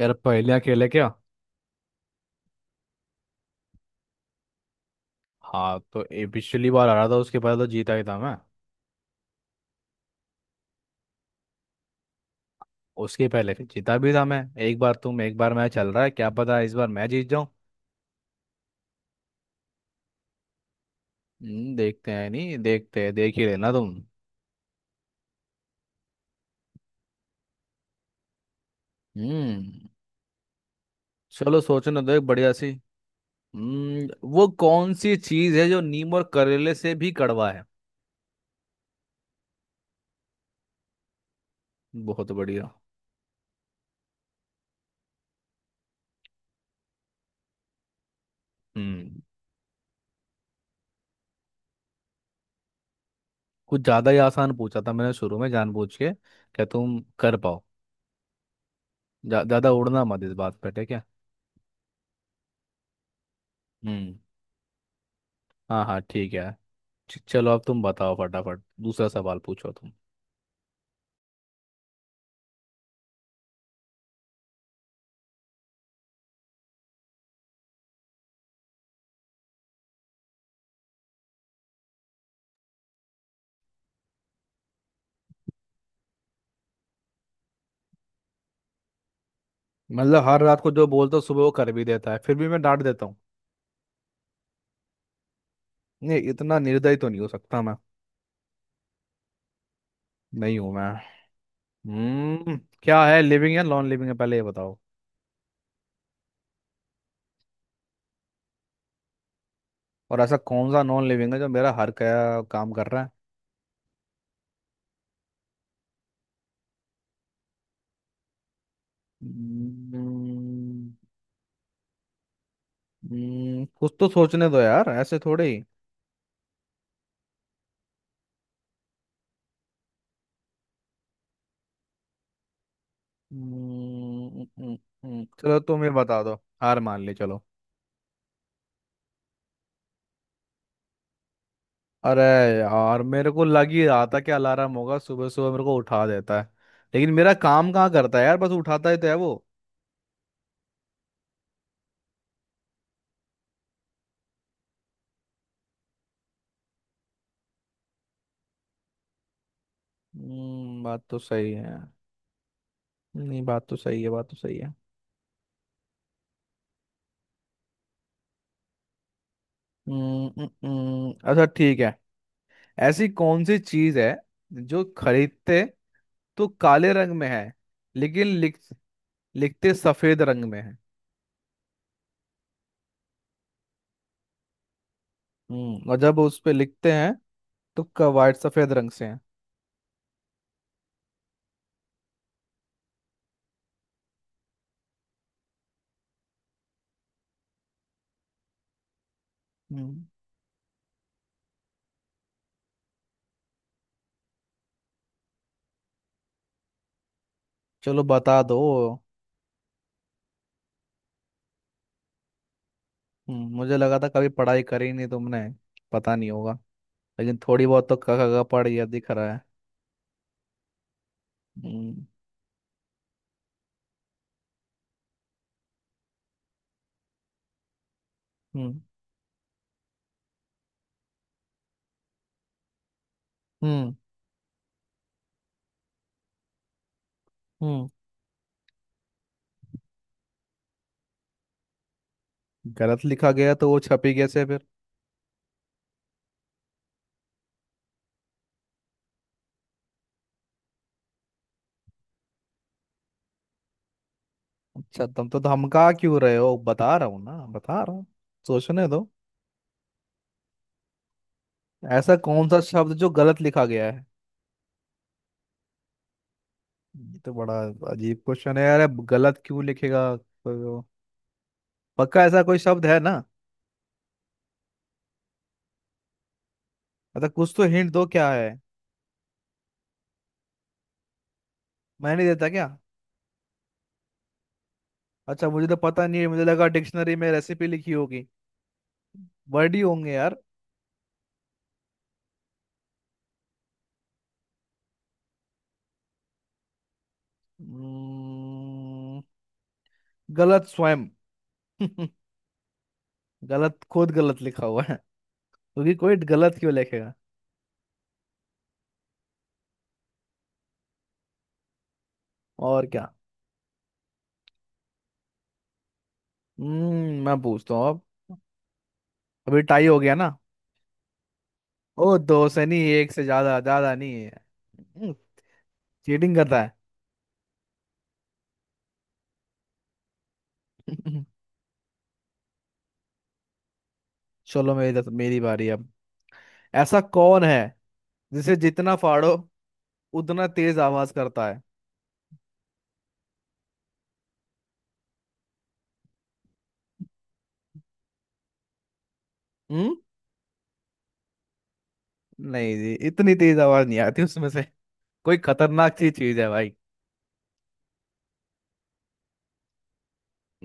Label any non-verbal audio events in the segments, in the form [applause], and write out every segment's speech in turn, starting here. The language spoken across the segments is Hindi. यार पहले अकेले क्या? हाँ तो पिछली बार आ रहा था। उसके पहले तो जीता ही था मैं। उसके पहले फिर जीता भी था मैं। एक बार तुम एक बार मैं चल रहा है, क्या पता इस बार मैं जीत जाऊं। देखते हैं नहीं, देखते हैं, देख ही लेना तुम। हम्म। चलो सोचो ना, तो एक बढ़िया सी। हम्म। वो कौन सी चीज है जो नीम और करेले से भी कड़वा है? बहुत बढ़िया। हम्म। कुछ ज्यादा ही आसान पूछा था मैंने शुरू में जानबूझ के। क्या तुम कर पाओ? ज्यादा उड़ना मत इस बात पे, ठीक है? हम्म। हाँ हाँ, ठीक है। चलो, अब तुम बताओ फटाफट, दूसरा सवाल पूछो तुम। मतलब हर रात को जो बोलता हूँ सुबह वो कर भी देता है, फिर भी मैं डांट देता हूँ। नहीं, इतना निर्दयी तो नहीं हो सकता मैं। नहीं हूं मैं। हम्म। क्या है, लिविंग या नॉन लिविंग है, पहले ये बताओ। और ऐसा कौन सा नॉन लिविंग है जो मेरा हर क्या काम कर रहा है? हम्म, कुछ तो सोचने दो यार, ऐसे थोड़े ही। हम्म, हम्म, हम्म, चलो तुम ये बता दो। हार मान ली, चलो। अरे। यार मेरे को लग ही रहा था कि अलार्म होगा, सुबह सुबह मेरे को उठा देता है। लेकिन मेरा काम कहाँ करता है यार, बस उठाता ही तो है वो। हम्म, बात तो सही है। नहीं, बात तो सही है, बात तो सही है। हम्म, अच्छा, ठीक है। ऐसी कौन सी चीज है जो खरीदते तो काले रंग में है, लेकिन लिखते सफेद रंग में है? हम्म, और जब उस पे लिखते हैं तो वाइट सफेद रंग से है। हम्म। चलो बता दो। मुझे लगा था कभी पढ़ाई करी नहीं तुमने, पता नहीं होगा। लेकिन थोड़ी बहुत तो का पढ़ गया दिख रहा है। हम्म। हम्म, हम्म, हम्म। गलत लिखा गया तो वो छपी कैसे फिर? अच्छा, तुम तो धमका क्यों रहे हो? बता रहा हूँ ना, बता रहा हूँ। सोचने दो। ऐसा कौन सा शब्द जो गलत लिखा गया है? ये तो बड़ा अजीब क्वेश्चन है यार, अब गलत क्यों लिखेगा कोई वो? पक्का ऐसा कोई शब्द है ना? अच्छा, कुछ तो हिंट दो, क्या है? मैं नहीं देता क्या? अच्छा, मुझे तो पता नहीं है, मुझे लगा डिक्शनरी में रेसिपी लिखी होगी। वर्ड ही होंगे यार। हम्म, गलत स्वयं। [laughs] गलत खुद गलत लिखा हुआ है। क्योंकि कोई गलत क्यों लिखेगा? और क्या? हम्म, मैं पूछता हूँ अब। अभी टाई हो गया ना? ओ दो से नहीं, एक से ज्यादा, ज्यादा नहीं है। चीटिंग करता है। [laughs] चलो मेरी मेरी बारी अब। ऐसा कौन है जिसे जितना फाड़ो उतना तेज आवाज करता है? हम्म। नहीं जी, इतनी तेज आवाज नहीं आती उसमें से। कोई खतरनाक सी चीज है भाई।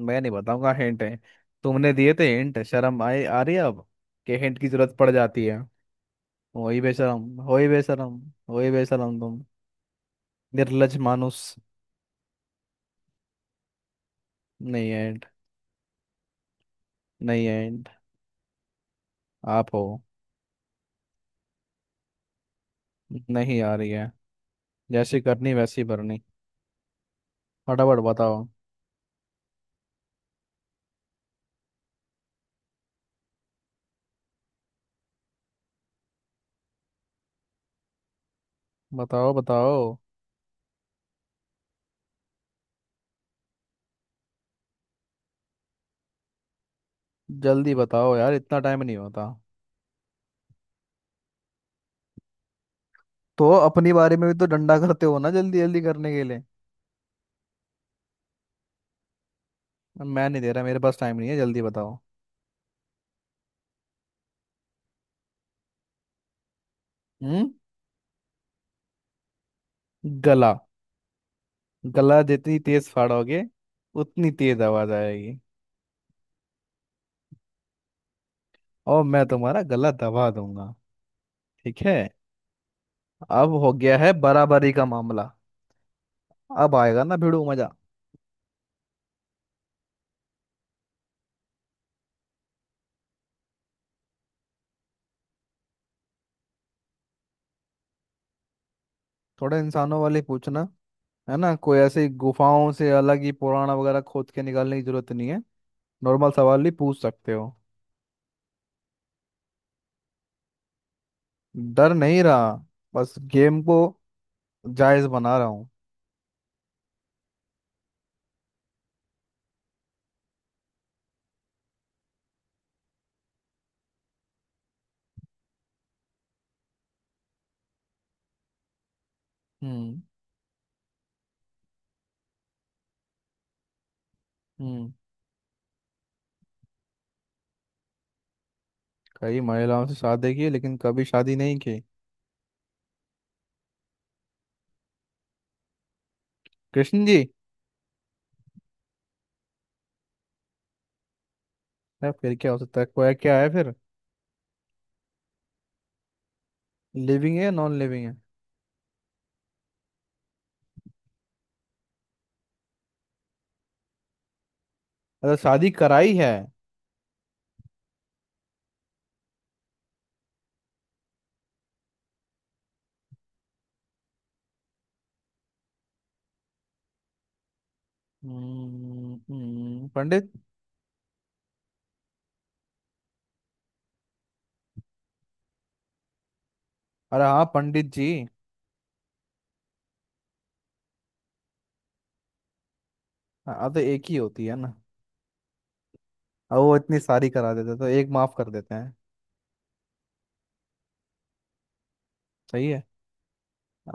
मैं नहीं बताऊंगा, हिंट है। तुमने दिए थे हिंट, शर्म आए आ रही है अब, कि हिंट की जरूरत पड़ जाती है। वही बेशरम। वही बेशरम, वही बेशरम तुम। निर्लज मानुस। नहीं है हिंट, नहीं है हिंट। आप हो। नहीं आ रही है। जैसी करनी वैसी भरनी। फटाफट बताओ। बताओ, बताओ। जल्दी बताओ यार, इतना टाइम नहीं होता। तो अपनी बारे में भी तो डंडा करते हो ना जल्दी जल्दी करने के लिए? मैं नहीं दे रहा, मेरे पास टाइम नहीं है, जल्दी बताओ। हम्म। गला। गला जितनी तेज फाड़ोगे उतनी तेज आवाज आएगी। और मैं तुम्हारा गला दबा दूंगा। ठीक है। अब हो गया है बराबरी का मामला। अब आएगा ना भिड़ू मजा। थोड़ा इंसानों वाले पूछना, है ना, कोई ऐसे गुफाओं से अलग ही पुराना वगैरह खोद के निकालने की जरूरत नहीं है। नॉर्मल सवाल भी पूछ सकते हो। डर नहीं रहा। बस गेम को जायज बना रहा हूँ। हम्म। हम्म। कई महिलाओं से शादी की लेकिन कभी शादी नहीं की। कृष्ण जी है, फिर क्या हो सकता है? कोई क्या है फिर? लिविंग है या नॉन लिविंग है? अरे शादी कराई है। पंडित। अरे हाँ, पंडित जी। हाँ हाँ, तो एक ही होती है ना। अब वो इतनी सारी करा देते तो एक माफ कर देते हैं। सही है।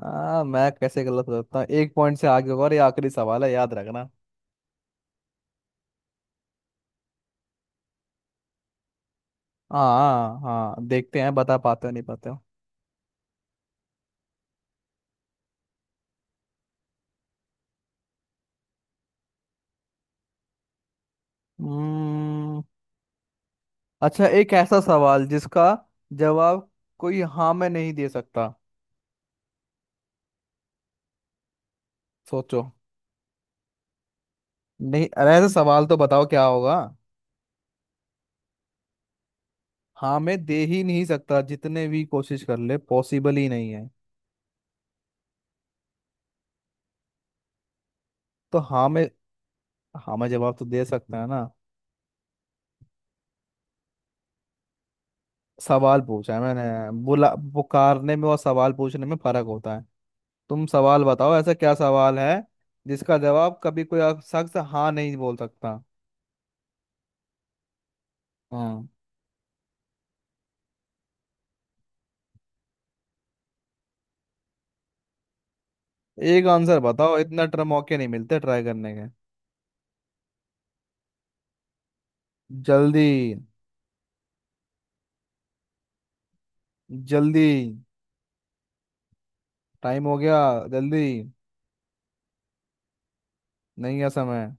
मैं कैसे गलत हो सकता हूँ, एक पॉइंट से आगे होगा, और ये आखिरी सवाल है याद रखना। हाँ हाँ, देखते हैं बता पाते हो नहीं पाते हो। हम्म। अच्छा, एक ऐसा सवाल जिसका जवाब कोई हाँ में नहीं दे सकता, सोचो। नहीं अरे, ऐसा सवाल तो बताओ क्या होगा। हाँ मैं दे ही नहीं सकता, जितने भी कोशिश कर ले पॉसिबल ही नहीं है। तो हाँ मैं हाँ मैं जवाब तो दे सकता है ना। सवाल पूछा है मैंने। बुला पुकारने में और सवाल पूछने में फर्क होता है। तुम सवाल बताओ, ऐसा क्या सवाल है जिसका जवाब कभी कोई शख्स हाँ नहीं बोल सकता? हाँ। एक आंसर बताओ, इतना टर मौके नहीं मिलते ट्राई करने के। जल्दी। जल्दी। टाइम हो गया। जल्दी। नहीं है समय।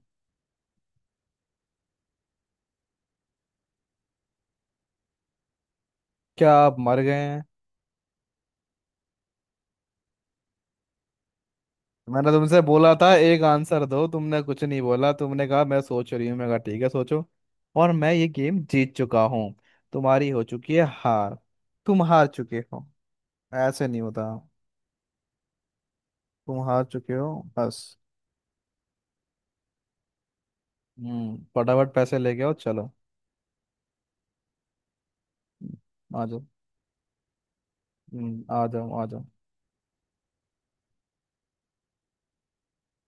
क्या आप मर गए हैं? मैंने तुमसे बोला था एक आंसर दो, तुमने कुछ नहीं बोला, तुमने कहा मैं सोच रही हूँ, मैं कहा ठीक है सोचो। और मैं ये गेम जीत चुका हूँ। तुम्हारी हो चुकी है हार। तुम हार चुके हो। ऐसे नहीं होता। तुम हार चुके हो। बस। हम्म, फटाफट पैसे लेके आओ, चलो। हम्म, आ जाओ। आ जाओ, आ जाओ।